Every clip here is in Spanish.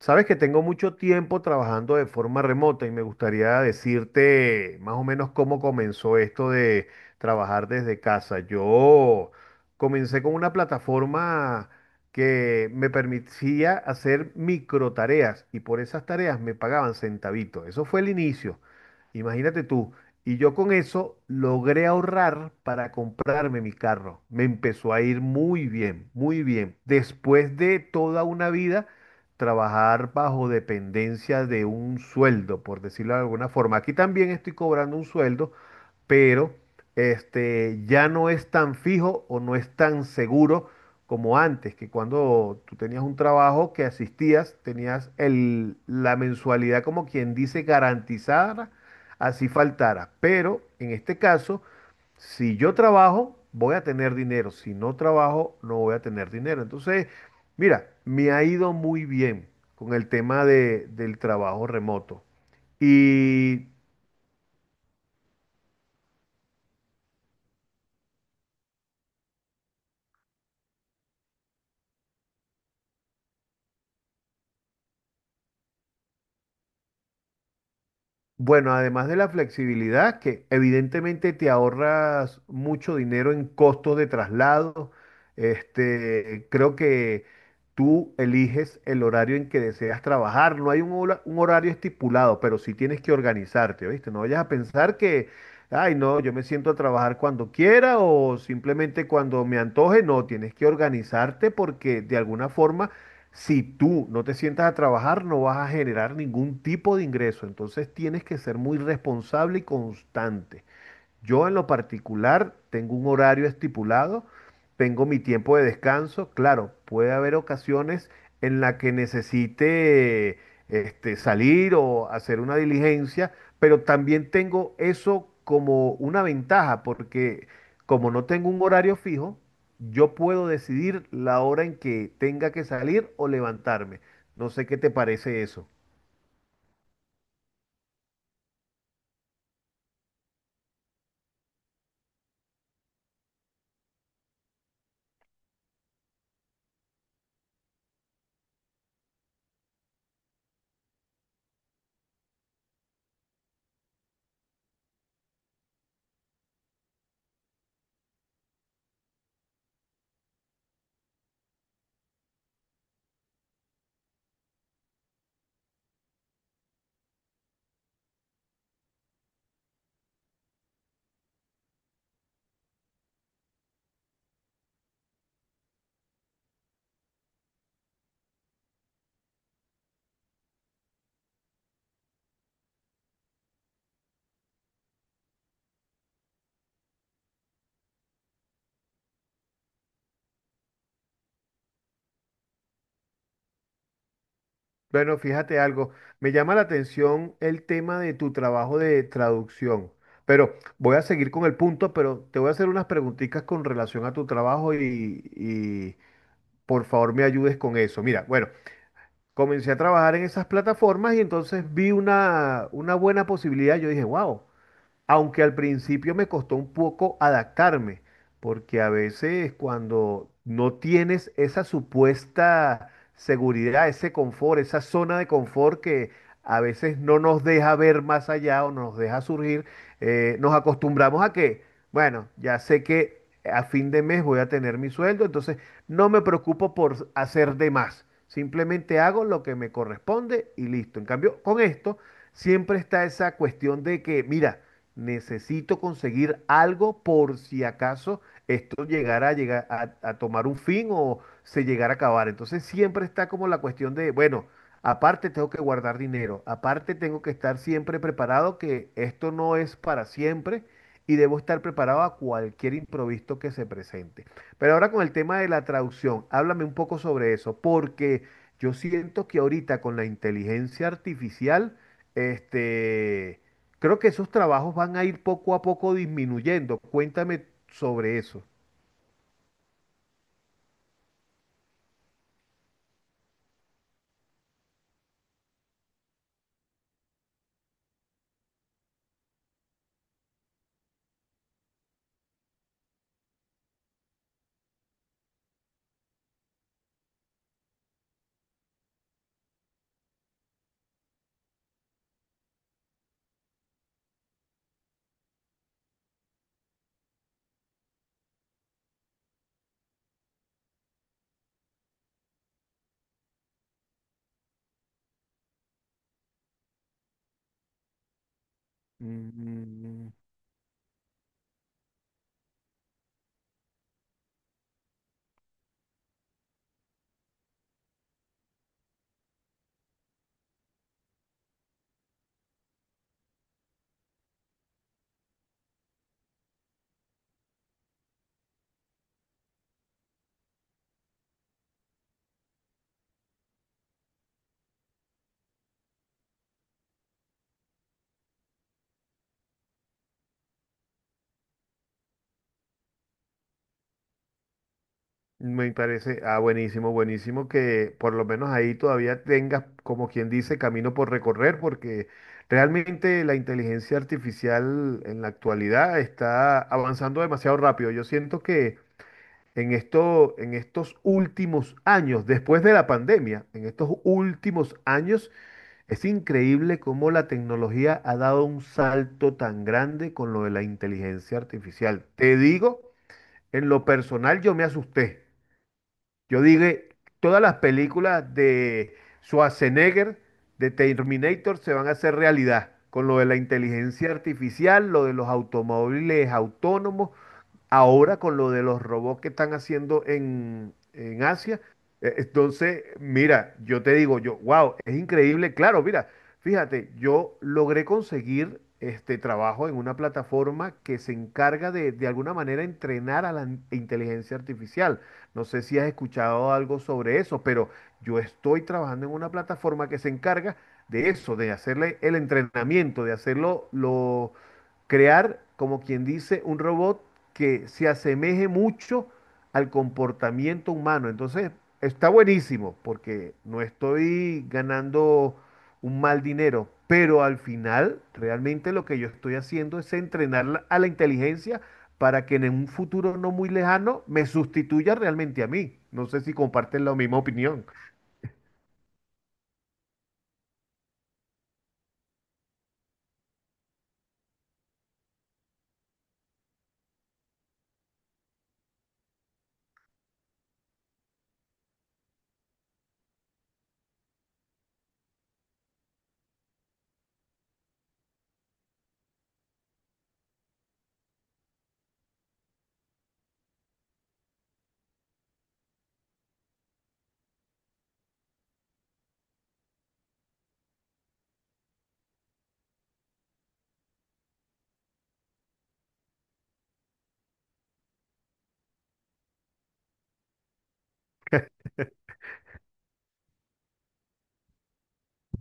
Sabes que tengo mucho tiempo trabajando de forma remota y me gustaría decirte más o menos cómo comenzó esto de trabajar desde casa. Yo comencé con una plataforma que me permitía hacer micro tareas y por esas tareas me pagaban centavitos. Eso fue el inicio. Imagínate tú. Y yo con eso logré ahorrar para comprarme mi carro. Me empezó a ir muy bien, muy bien. Después de toda una vida trabajar bajo dependencia de un sueldo, por decirlo de alguna forma. Aquí también estoy cobrando un sueldo, pero ya no es tan fijo o no es tan seguro como antes, que cuando tú tenías un trabajo que asistías, tenías la mensualidad como quien dice garantizada, así faltara. Pero en este caso, si yo trabajo, voy a tener dinero. Si no trabajo, no voy a tener dinero. Entonces, mira, me ha ido muy bien con el tema del trabajo remoto. Y Bueno, además de la flexibilidad, que evidentemente te ahorras mucho dinero en costos de traslado, creo que tú eliges el horario en que deseas trabajar. No hay un horario estipulado, pero sí tienes que organizarte, ¿viste? No vayas a pensar que, ay, no, yo me siento a trabajar cuando quiera o simplemente cuando me antoje. No, tienes que organizarte porque de alguna forma si tú no te sientas a trabajar, no vas a generar ningún tipo de ingreso. Entonces tienes que ser muy responsable y constante. Yo en lo particular tengo un horario estipulado, tengo mi tiempo de descanso. Claro, puede haber ocasiones en las que necesite salir o hacer una diligencia, pero también tengo eso como una ventaja, porque como no tengo un horario fijo, yo puedo decidir la hora en que tenga que salir o levantarme. No sé qué te parece eso. Bueno, fíjate algo, me llama la atención el tema de tu trabajo de traducción, pero voy a seguir con el punto, pero te voy a hacer unas preguntitas con relación a tu trabajo y por favor me ayudes con eso. Mira, bueno, comencé a trabajar en esas plataformas y entonces vi una buena posibilidad, yo dije, wow. Aunque al principio me costó un poco adaptarme, porque a veces cuando no tienes esa supuesta seguridad, ese confort, esa zona de confort que a veces no nos deja ver más allá o nos deja surgir, nos acostumbramos a que, bueno, ya sé que a fin de mes voy a tener mi sueldo, entonces no me preocupo por hacer de más, simplemente hago lo que me corresponde y listo. En cambio, con esto siempre está esa cuestión de que, mira, necesito conseguir algo por si acaso esto llegara a tomar un fin o se llegara a acabar. Entonces siempre está como la cuestión de, bueno, aparte tengo que guardar dinero, aparte tengo que estar siempre preparado que esto no es para siempre y debo estar preparado a cualquier imprevisto que se presente. Pero ahora con el tema de la traducción, háblame un poco sobre eso, porque… Yo siento que ahorita con la inteligencia artificial, este, creo que esos trabajos van a ir poco a poco disminuyendo. Cuéntame sobre eso. Mm. Me parece, ah, buenísimo, buenísimo que por lo menos ahí todavía tengas, como quien dice, camino por recorrer, porque realmente la inteligencia artificial en la actualidad está avanzando demasiado rápido. Yo siento que en esto, en estos últimos años, después de la pandemia, en estos últimos años, es increíble cómo la tecnología ha dado un salto tan grande con lo de la inteligencia artificial. Te digo, en lo personal yo me asusté. Yo dije, todas las películas de Schwarzenegger, de Terminator, se van a hacer realidad. Con lo de la inteligencia artificial, lo de los automóviles autónomos, ahora con lo de los robots que están haciendo en Asia, entonces, mira, yo te digo, yo, wow, es increíble. Claro, mira, fíjate, yo logré conseguir este trabajo en una plataforma que se encarga de alguna manera entrenar a la inteligencia artificial. No sé si has escuchado algo sobre eso, pero yo estoy trabajando en una plataforma que se encarga de eso, de hacerle el entrenamiento, de hacerlo, crear, como quien dice, un robot que se asemeje mucho al comportamiento humano. Entonces, está buenísimo porque no estoy ganando un mal dinero, pero al final, realmente lo que yo estoy haciendo es entrenar a la inteligencia para que en un futuro no muy lejano me sustituya realmente a mí. No sé si comparten la misma opinión.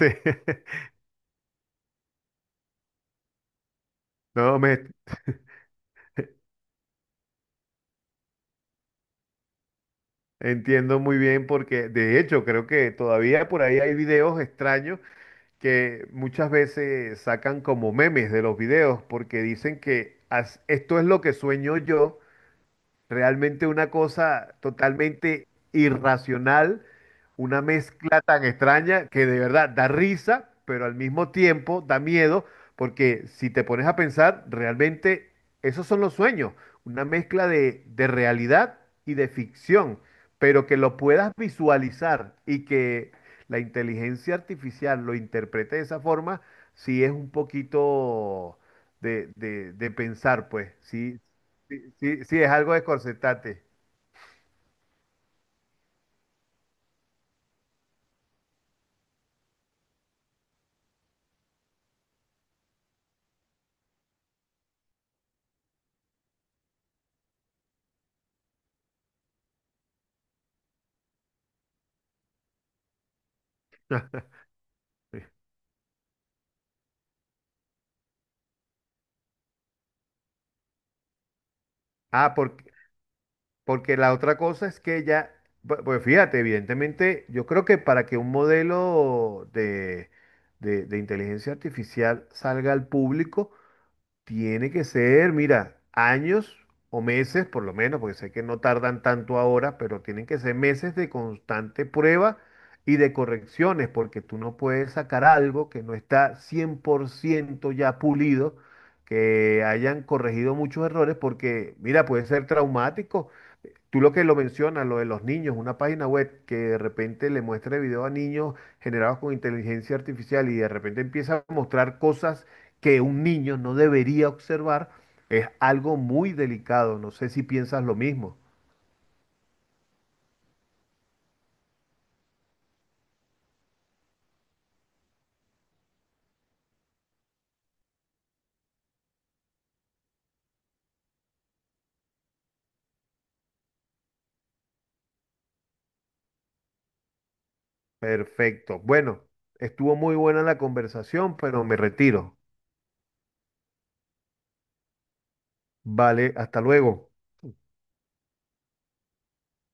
No, me entiendo muy bien porque de hecho creo que todavía por ahí hay videos extraños que muchas veces sacan como memes de los videos porque dicen que "As- esto es lo que sueño yo. Realmente una cosa totalmente irracional, una mezcla tan extraña que de verdad da risa, pero al mismo tiempo da miedo, porque si te pones a pensar, realmente esos son los sueños, una mezcla de realidad y de ficción, pero que lo puedas visualizar y que la inteligencia artificial lo interprete de esa forma, sí es un poquito de pensar, pues, sí. Sí, sí, sí, es algo de corsetate. Ah, porque la otra cosa es que ya, bu- pues fíjate, evidentemente, yo creo que para que un modelo de inteligencia artificial salga al público, tiene que ser, mira, años o meses, por lo menos, porque sé que no tardan tanto ahora, pero tienen que ser meses de constante prueba y de correcciones, porque tú no puedes sacar algo que no está 100% ya pulido, que hayan corregido muchos errores, porque, mira, puede ser traumático. Tú lo que lo mencionas, lo de los niños, una página web que de repente le muestre video a niños generados con inteligencia artificial y de repente empieza a mostrar cosas que un niño no debería observar, es algo muy delicado. No sé si piensas lo mismo. Perfecto. Bueno, estuvo muy buena la conversación, pero me retiro. Vale, hasta luego.